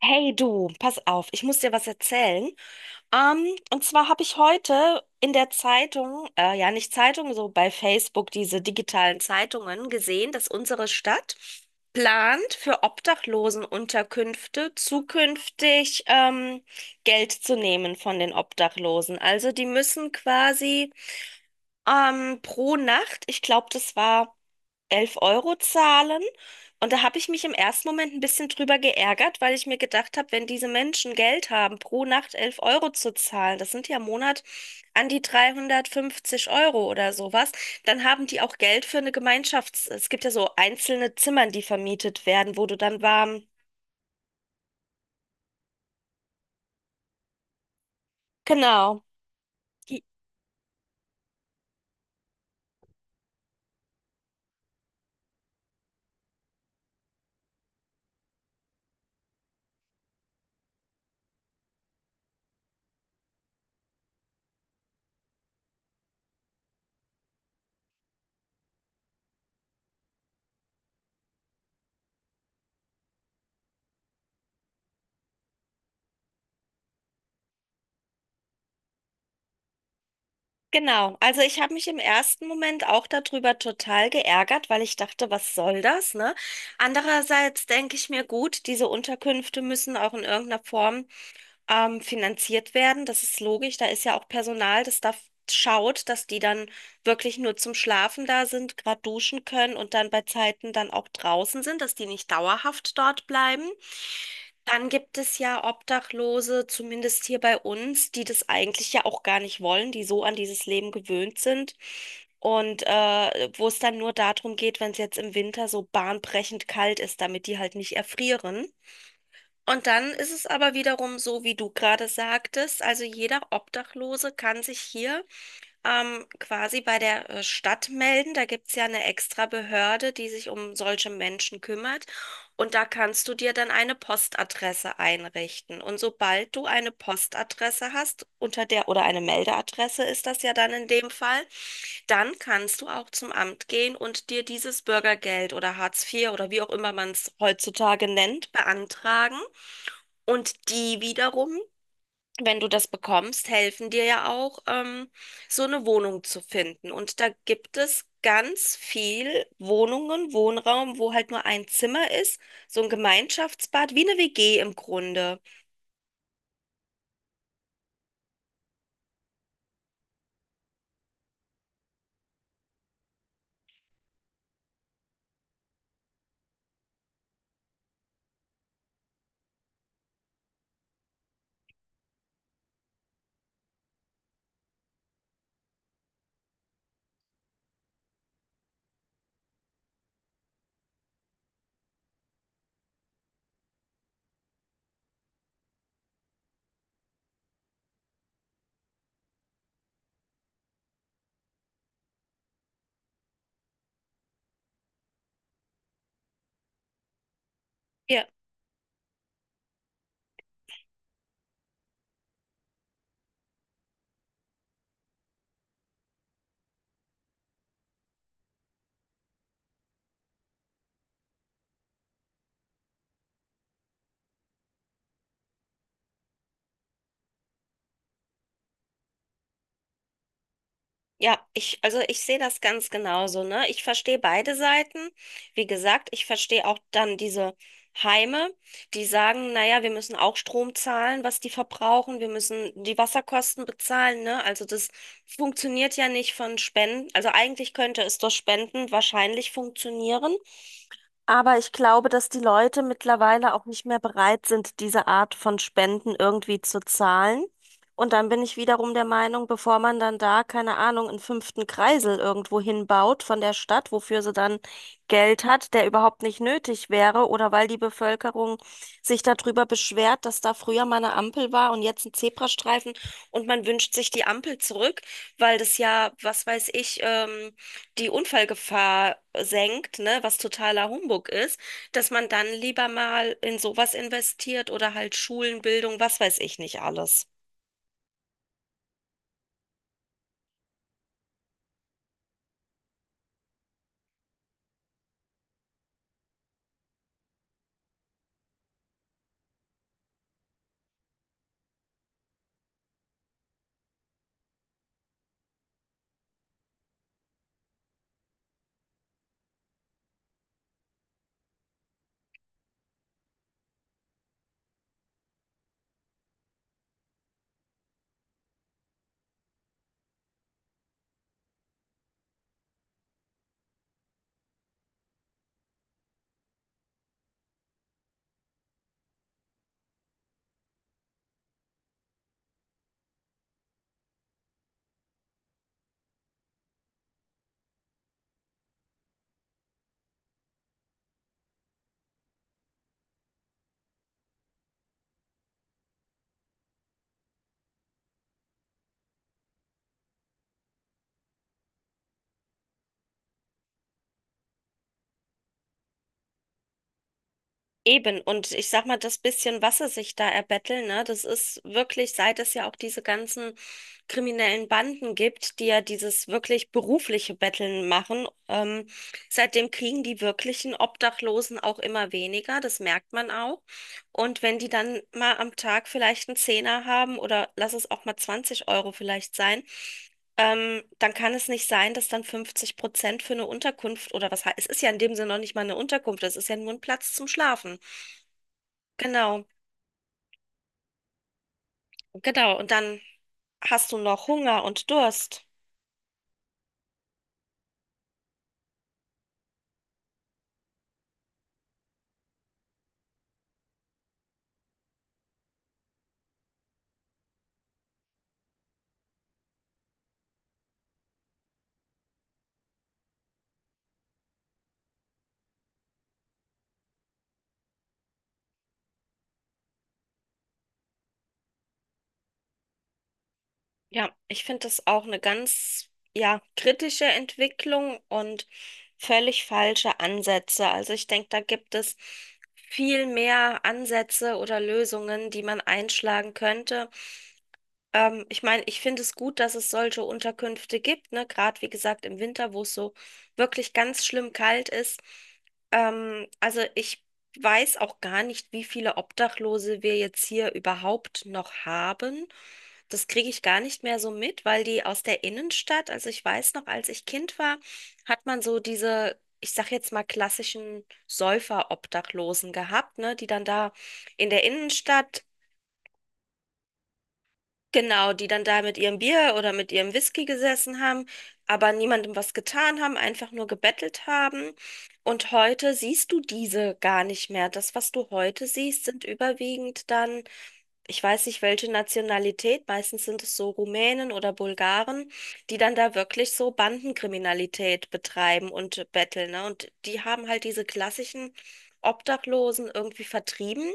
Hey du, pass auf, ich muss dir was erzählen. Und zwar habe ich heute in der Zeitung, ja nicht Zeitung, so bei Facebook diese digitalen Zeitungen gesehen, dass unsere Stadt plant, für Obdachlosenunterkünfte zukünftig Geld zu nehmen von den Obdachlosen. Also die müssen quasi pro Nacht, ich glaube, das war 11 Euro zahlen. Und da habe ich mich im ersten Moment ein bisschen drüber geärgert, weil ich mir gedacht habe, wenn diese Menschen Geld haben, pro Nacht 11 Euro zu zahlen, das sind ja im Monat an die 350 Euro oder sowas, dann haben die auch Geld für eine Gemeinschafts-, es gibt ja so einzelne Zimmern, die vermietet werden, wo du dann warm. Genau. Genau, also ich habe mich im ersten Moment auch darüber total geärgert, weil ich dachte, was soll das, ne? Andererseits denke ich mir, gut, diese Unterkünfte müssen auch in irgendeiner Form finanziert werden. Das ist logisch, da ist ja auch Personal, das da schaut, dass die dann wirklich nur zum Schlafen da sind, gerade duschen können und dann bei Zeiten dann auch draußen sind, dass die nicht dauerhaft dort bleiben. Dann gibt es ja Obdachlose, zumindest hier bei uns, die das eigentlich ja auch gar nicht wollen, die so an dieses Leben gewöhnt sind. Und wo es dann nur darum geht, wenn es jetzt im Winter so bahnbrechend kalt ist, damit die halt nicht erfrieren. Und dann ist es aber wiederum so, wie du gerade sagtest, also jeder Obdachlose kann sich hier quasi bei der Stadt melden. Da gibt es ja eine extra Behörde, die sich um solche Menschen kümmert. Und da kannst du dir dann eine Postadresse einrichten. Und sobald du eine Postadresse hast, unter der, oder eine Meldeadresse ist das ja dann in dem Fall, dann kannst du auch zum Amt gehen und dir dieses Bürgergeld oder Hartz IV oder wie auch immer man es heutzutage nennt, beantragen. Und die wiederum, wenn du das bekommst, helfen dir ja auch, so eine Wohnung zu finden. Und da gibt es ganz viel Wohnungen, Wohnraum, wo halt nur ein Zimmer ist, so ein Gemeinschaftsbad, wie eine WG im Grunde. Ja. Ja, ich sehe das ganz genauso, ne? Ich verstehe beide Seiten. Wie gesagt, ich verstehe auch dann diese Heime, die sagen, naja, wir müssen auch Strom zahlen, was die verbrauchen, wir müssen die Wasserkosten bezahlen, ne? Also das funktioniert ja nicht von Spenden. Also eigentlich könnte es durch Spenden wahrscheinlich funktionieren. Aber ich glaube, dass die Leute mittlerweile auch nicht mehr bereit sind, diese Art von Spenden irgendwie zu zahlen. Und dann bin ich wiederum der Meinung, bevor man dann da, keine Ahnung, einen fünften Kreisel irgendwo hinbaut von der Stadt, wofür sie dann Geld hat, der überhaupt nicht nötig wäre, oder weil die Bevölkerung sich darüber beschwert, dass da früher mal eine Ampel war und jetzt ein Zebrastreifen und man wünscht sich die Ampel zurück, weil das ja, was weiß ich, die Unfallgefahr senkt, ne, was totaler Humbug ist, dass man dann lieber mal in sowas investiert oder halt Schulen, Bildung, was weiß ich nicht alles. Eben, und ich sag mal, das bisschen, was sie sich da erbetteln, ne, das ist wirklich, seit es ja auch diese ganzen kriminellen Banden gibt, die ja dieses wirklich berufliche Betteln machen, seitdem kriegen die wirklichen Obdachlosen auch immer weniger, das merkt man auch. Und wenn die dann mal am Tag vielleicht einen Zehner haben oder lass es auch mal 20 Euro vielleicht sein, dann kann es nicht sein, dass dann 50% für eine Unterkunft oder was, he- es ist ja in dem Sinne noch nicht mal eine Unterkunft, es ist ja nur ein Platz zum Schlafen. Genau, genau. Und dann hast du noch Hunger und Durst. Ja, ich finde das auch eine ganz, ja, kritische Entwicklung und völlig falsche Ansätze. Also ich denke, da gibt es viel mehr Ansätze oder Lösungen, die man einschlagen könnte. Ich meine, ich finde es gut, dass es solche Unterkünfte gibt, ne? Gerade wie gesagt im Winter, wo es so wirklich ganz schlimm kalt ist. Also ich weiß auch gar nicht, wie viele Obdachlose wir jetzt hier überhaupt noch haben. Das kriege ich gar nicht mehr so mit, weil die aus der Innenstadt, also ich weiß noch, als ich Kind war, hat man so diese, ich sag jetzt mal klassischen Säufer-Obdachlosen gehabt, ne, die dann da in der Innenstadt. Genau, die dann da mit ihrem Bier oder mit ihrem Whisky gesessen haben, aber niemandem was getan haben, einfach nur gebettelt haben. Und heute siehst du diese gar nicht mehr. Das, was du heute siehst, sind überwiegend dann, ich weiß nicht, welche Nationalität, meistens sind es so Rumänen oder Bulgaren, die dann da wirklich so Bandenkriminalität betreiben und betteln, ne? Und die haben halt diese klassischen Obdachlosen irgendwie vertrieben.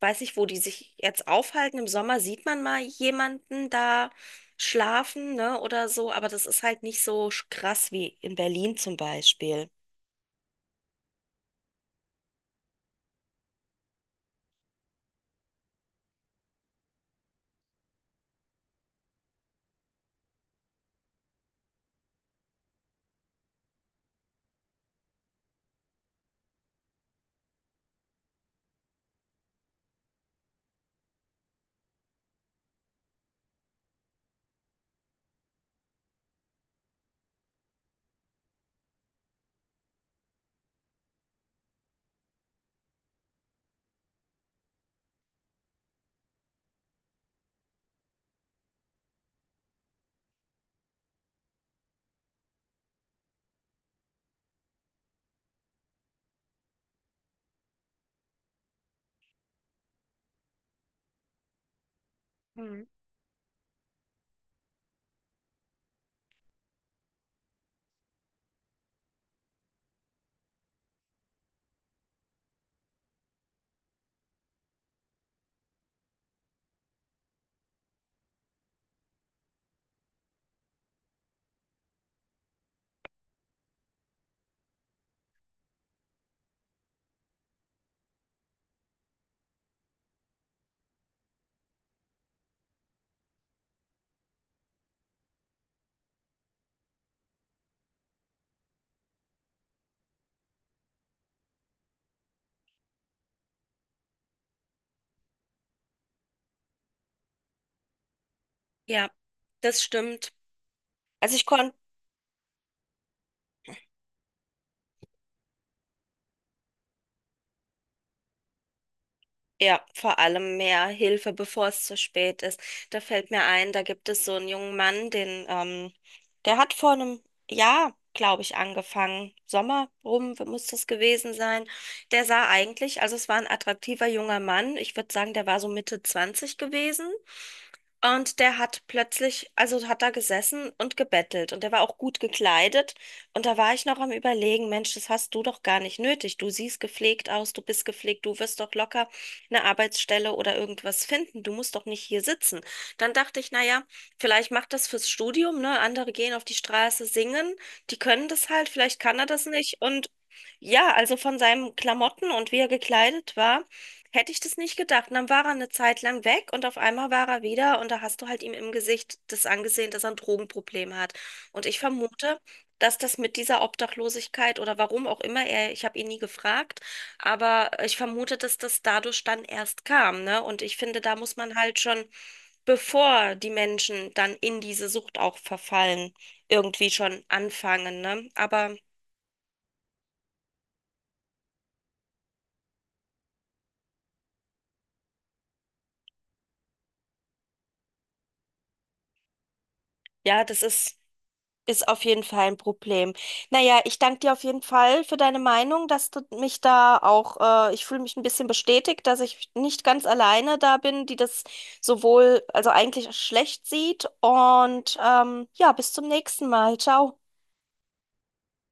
Weiß nicht, wo die sich jetzt aufhalten. Im Sommer sieht man mal jemanden da schlafen, ne, oder so, aber das ist halt nicht so sch- krass wie in Berlin zum Beispiel. Mhm. Ja, das stimmt. Also ich konnte. Ja, vor allem mehr Hilfe, bevor es zu spät ist. Da fällt mir ein, da gibt es so einen jungen Mann, den, der hat vor einem Jahr, glaube ich, angefangen. Sommer rum muss das gewesen sein. Der sah eigentlich, also es war ein attraktiver junger Mann. Ich würde sagen, der war so Mitte 20 gewesen. Und der hat plötzlich, also hat da gesessen und gebettelt und der war auch gut gekleidet. Und da war ich noch am Überlegen, Mensch, das hast du doch gar nicht nötig. Du siehst gepflegt aus, du bist gepflegt, du wirst doch locker eine Arbeitsstelle oder irgendwas finden. Du musst doch nicht hier sitzen. Dann dachte ich, naja, vielleicht macht das fürs Studium, ne? Andere gehen auf die Straße singen, die können das halt, vielleicht kann er das nicht. Und ja, also von seinen Klamotten und wie er gekleidet war, hätte ich das nicht gedacht. Und dann war er eine Zeit lang weg und auf einmal war er wieder, und da hast du halt ihm im Gesicht das angesehen, dass er ein Drogenproblem hat. Und ich vermute, dass das mit dieser Obdachlosigkeit oder warum auch immer er, ich habe ihn nie gefragt, aber ich vermute, dass das dadurch dann erst kam, ne? Und ich finde, da muss man halt schon, bevor die Menschen dann in diese Sucht auch verfallen, irgendwie schon anfangen, ne? Aber ja, das ist. Ist auf jeden Fall ein Problem. Naja, ich danke dir auf jeden Fall für deine Meinung, dass du mich da auch, ich fühle mich ein bisschen bestätigt, dass ich nicht ganz alleine da bin, die das sowohl, also eigentlich schlecht sieht. Und ja, bis zum nächsten Mal. Ciao.